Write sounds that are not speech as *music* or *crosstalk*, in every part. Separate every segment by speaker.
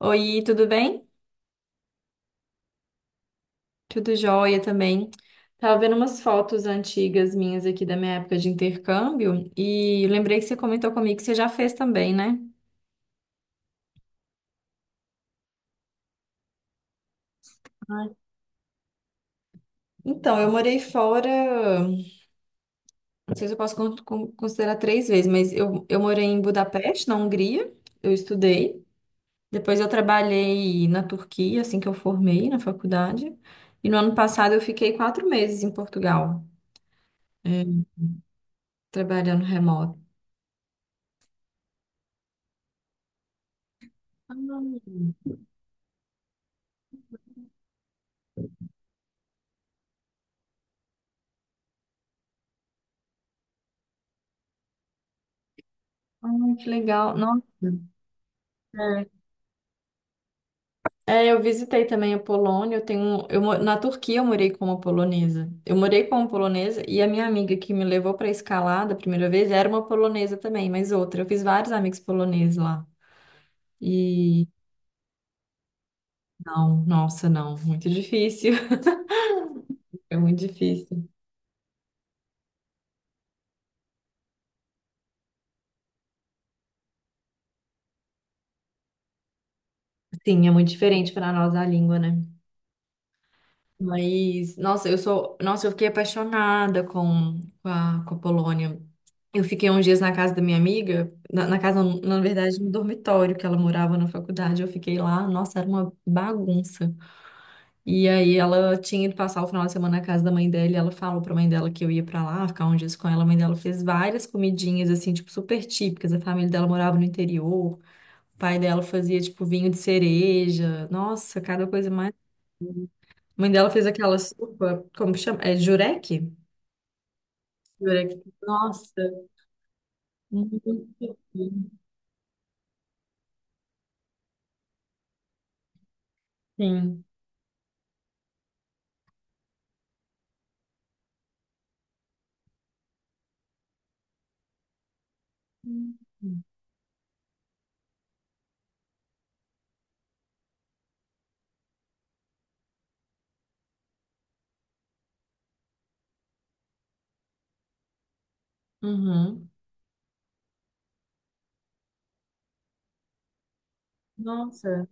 Speaker 1: Oi, tudo bem? Tudo jóia também. Tava vendo umas fotos antigas minhas aqui da minha época de intercâmbio e lembrei que você comentou comigo que você já fez também, né? Ai, então, eu morei fora, não sei se eu posso considerar 3 vezes, mas eu morei em Budapeste, na Hungria, eu estudei. Depois eu trabalhei na Turquia, assim que eu formei na faculdade. E no ano passado eu fiquei 4 meses em Portugal, eh, trabalhando remoto. Ah, ah, que legal. Nossa. É, é, eu visitei também a Polônia. Eu tenho, eu, na Turquia eu morei como polonesa. Eu morei como polonesa e a minha amiga que me levou para escalada a primeira vez era uma polonesa também, mas outra. Eu fiz vários amigos poloneses lá. E não, nossa, não, muito difícil. *laughs* É muito difícil. Sim, é muito diferente para nós a língua, né? Mas, nossa, eu sou, nossa, eu fiquei apaixonada com a Polônia. Eu fiquei uns dias na casa da minha amiga, na casa, não, na verdade, no dormitório que ela morava na faculdade. Eu fiquei lá, nossa, era uma bagunça. E aí ela tinha ido passar o final de semana na casa da mãe dela, e ela falou pra mãe dela que eu ia pra lá, ficar uns dias com ela. A mãe dela fez várias comidinhas assim, tipo, super típicas. A família dela morava no interior. O pai dela fazia tipo vinho de cereja. Nossa, cada coisa mais a mãe dela fez aquela sopa, como que chama? É jurek? Jurek. Nossa, muito bom. Sim. Uhum. Nossa,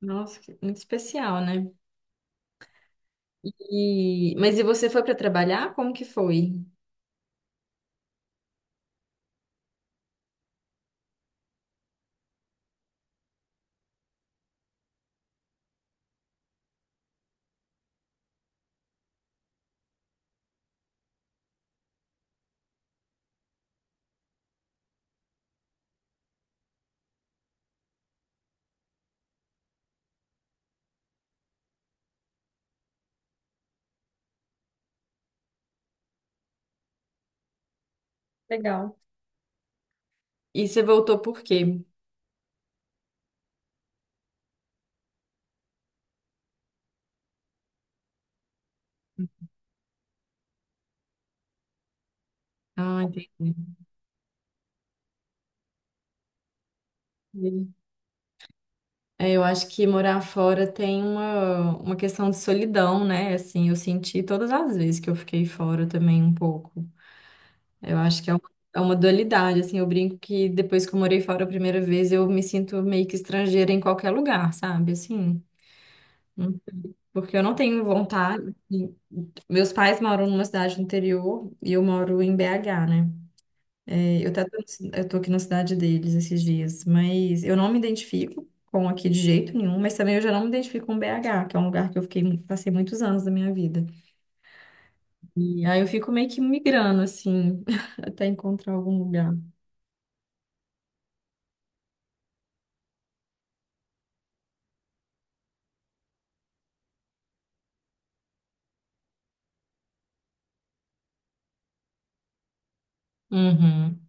Speaker 1: nossa, que- muito especial, né? E... Mas e você foi para trabalhar? Como que foi? Legal. E você voltou por quê? Ah, entendi. Entendi. É, eu acho que morar fora tem uma questão de solidão, né? Assim, eu senti todas as vezes que eu fiquei fora também um pouco. Eu acho que é uma dualidade, assim, eu brinco que depois que eu morei fora a primeira vez, eu me sinto meio que estrangeira em qualquer lugar, sabe? Assim, hum, porque eu não tenho vontade. E- Meus pais moram numa cidade do interior e eu moro em BH, né? É, eu até tô, eu tô aqui na cidade deles esses dias, mas eu não me identifico com aqui de jeito nenhum, mas também eu já não me identifico com BH, que é um lugar que eu fiquei, passei muitos anos da minha vida. E aí eu fico meio que migrando, assim, *laughs* até encontrar algum lugar. Uhum.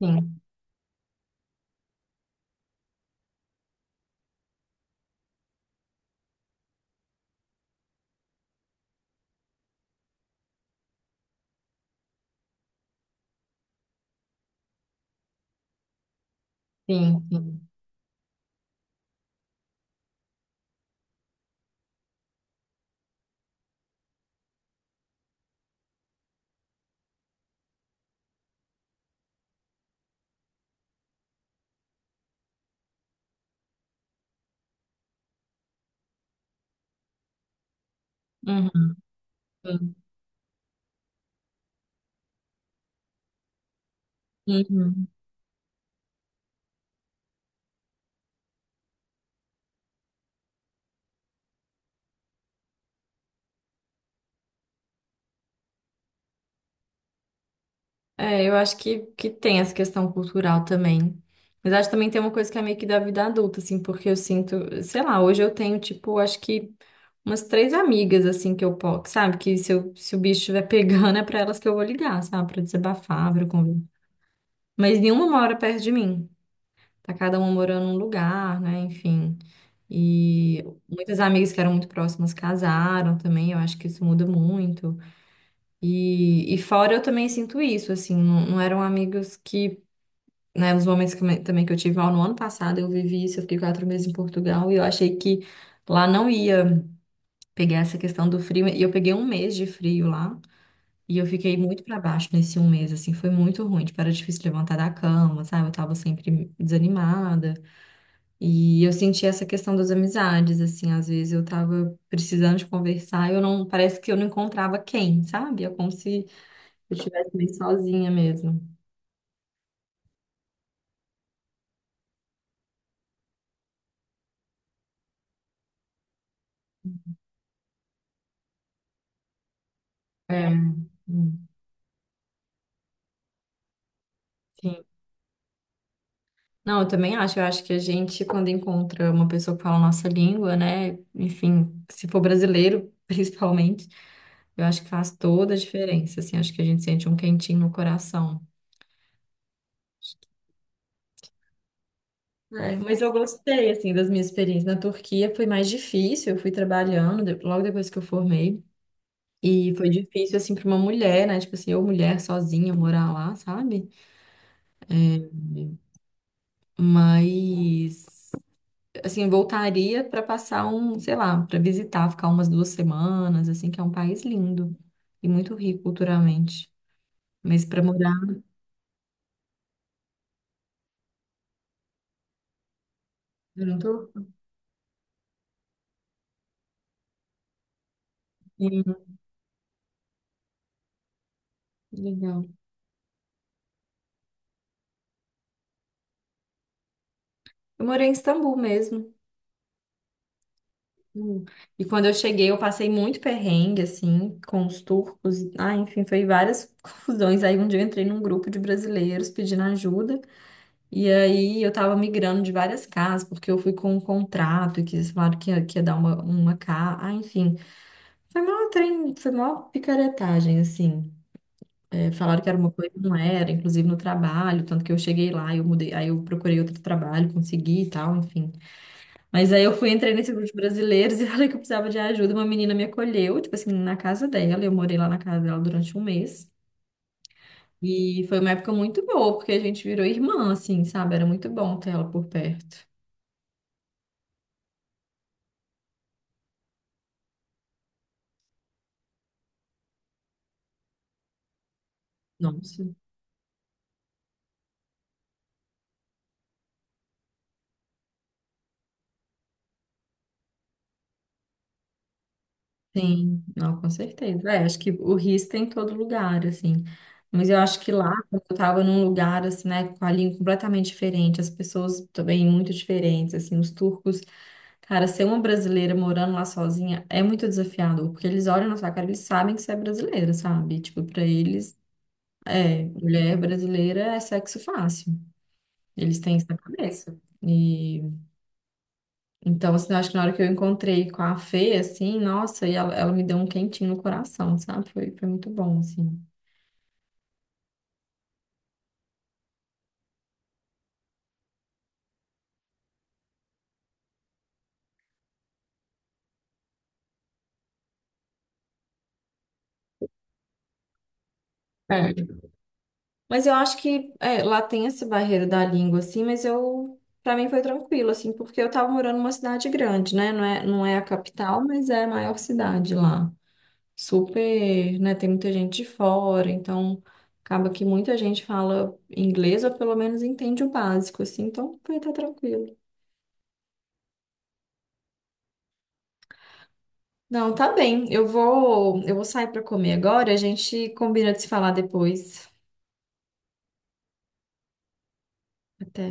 Speaker 1: Sim, sim, sim. Uhum, sim, uhum. É, eu acho que tem essa questão cultural também. Mas acho que também tem uma coisa que é meio que da vida adulta, assim, porque eu sinto, sei lá, hoje eu tenho, tipo, acho que umas três amigas, assim, que eu posso, sabe? Que se, eu, se o bicho estiver *laughs* pegando, é pra elas que eu vou ligar, sabe? Pra desabafar, pra conversar. Mas nenhuma mora perto de mim. Tá cada uma morando num lugar, né? Enfim. E muitas amigas que eram muito próximas casaram também, eu acho que isso muda muito. E fora eu também sinto isso, assim, não, não eram amigos que, né, nos momentos que, também que eu tive mal no ano passado, eu vivi isso, eu fiquei quatro meses em Portugal e eu achei que lá não ia pegar essa questão do frio, e eu peguei 1 mês de frio lá, e eu fiquei muito para baixo nesse 1 mês, assim, foi muito ruim, tipo, era difícil levantar da cama, sabe, eu tava sempre desanimada, e eu senti essa questão das amizades, assim, às vezes eu tava precisando de conversar, e eu não, parece que eu não encontrava quem, sabe, é como se eu estivesse meio sozinha mesmo. É. É. hum, Sim. Não, eu também acho. Eu acho que a gente, quando encontra uma pessoa que fala a nossa língua, né? Enfim, se for brasileiro, *laughs* principalmente, eu acho que faz toda a diferença, assim. Acho que a gente sente um quentinho no coração. É, é, mas eu gostei, assim, das minhas experiências. Na Turquia foi mais difícil. Eu fui trabalhando logo depois que eu formei. E foi difícil, assim, para uma mulher, né? Tipo assim, eu mulher sozinha morar lá, sabe? Mas, assim, voltaria para passar um, sei lá, para visitar, ficar umas 2 semanas, assim, que é um país lindo e muito rico culturalmente. Mas para morar, eu não tô. Sim, legal. Eu morei em Istambul mesmo. Hum. E quando eu cheguei, eu passei muito perrengue, assim, com os turcos. Ah, enfim, foi várias *laughs* confusões. Aí um dia eu entrei num grupo de brasileiros pedindo ajuda. E aí eu tava migrando de várias casas, porque eu fui com um contrato e que eles falaram que ia dar uma casa. Ah, enfim. Foi mó trem, foi mó picaretagem, assim. É, falaram que era uma coisa, e não era, inclusive no trabalho, tanto que eu cheguei lá, eu mudei, aí eu procurei outro trabalho, consegui e tal, enfim. Mas aí eu fui, entrei nesse grupo de brasileiros e *laughs* falei que eu precisava de ajuda. Uma menina me acolheu, tipo assim, na casa dela, eu morei lá na casa dela durante 1 mês. E foi uma época muito boa, porque a gente virou irmã, assim, sabe? Era muito bom ter ela por perto. Nossa. Sim, não, com certeza. É, acho que o risco tem em todo lugar, assim. Mas eu acho que lá, quando eu tava num lugar, assim, né, com a língua completamente diferente, as pessoas também muito diferentes, assim, os turcos. Cara, ser uma brasileira morando lá sozinha é muito desafiador, porque eles olham na sua cara, eles sabem que você é brasileira, sabe? Tipo, pra eles, é, mulher brasileira é sexo fácil. Eles têm isso na cabeça. E então, assim, eu acho que na hora que eu encontrei com a Fê, assim, nossa, e ela me deu um quentinho no coração, sabe? Foi, foi muito bom, assim. É. Mas eu acho que é, lá tem essa barreira da língua, assim, mas eu, para mim foi tranquilo, assim, porque eu tava morando numa cidade grande, né? Não é, não é a capital, mas é a maior cidade lá. Super, né? Tem muita gente de fora, então acaba que muita gente fala inglês ou pelo menos entende o básico, assim, então foi até tranquilo. Não, tá bem. Eu vou sair para comer agora. A gente combina de se falar depois. Até.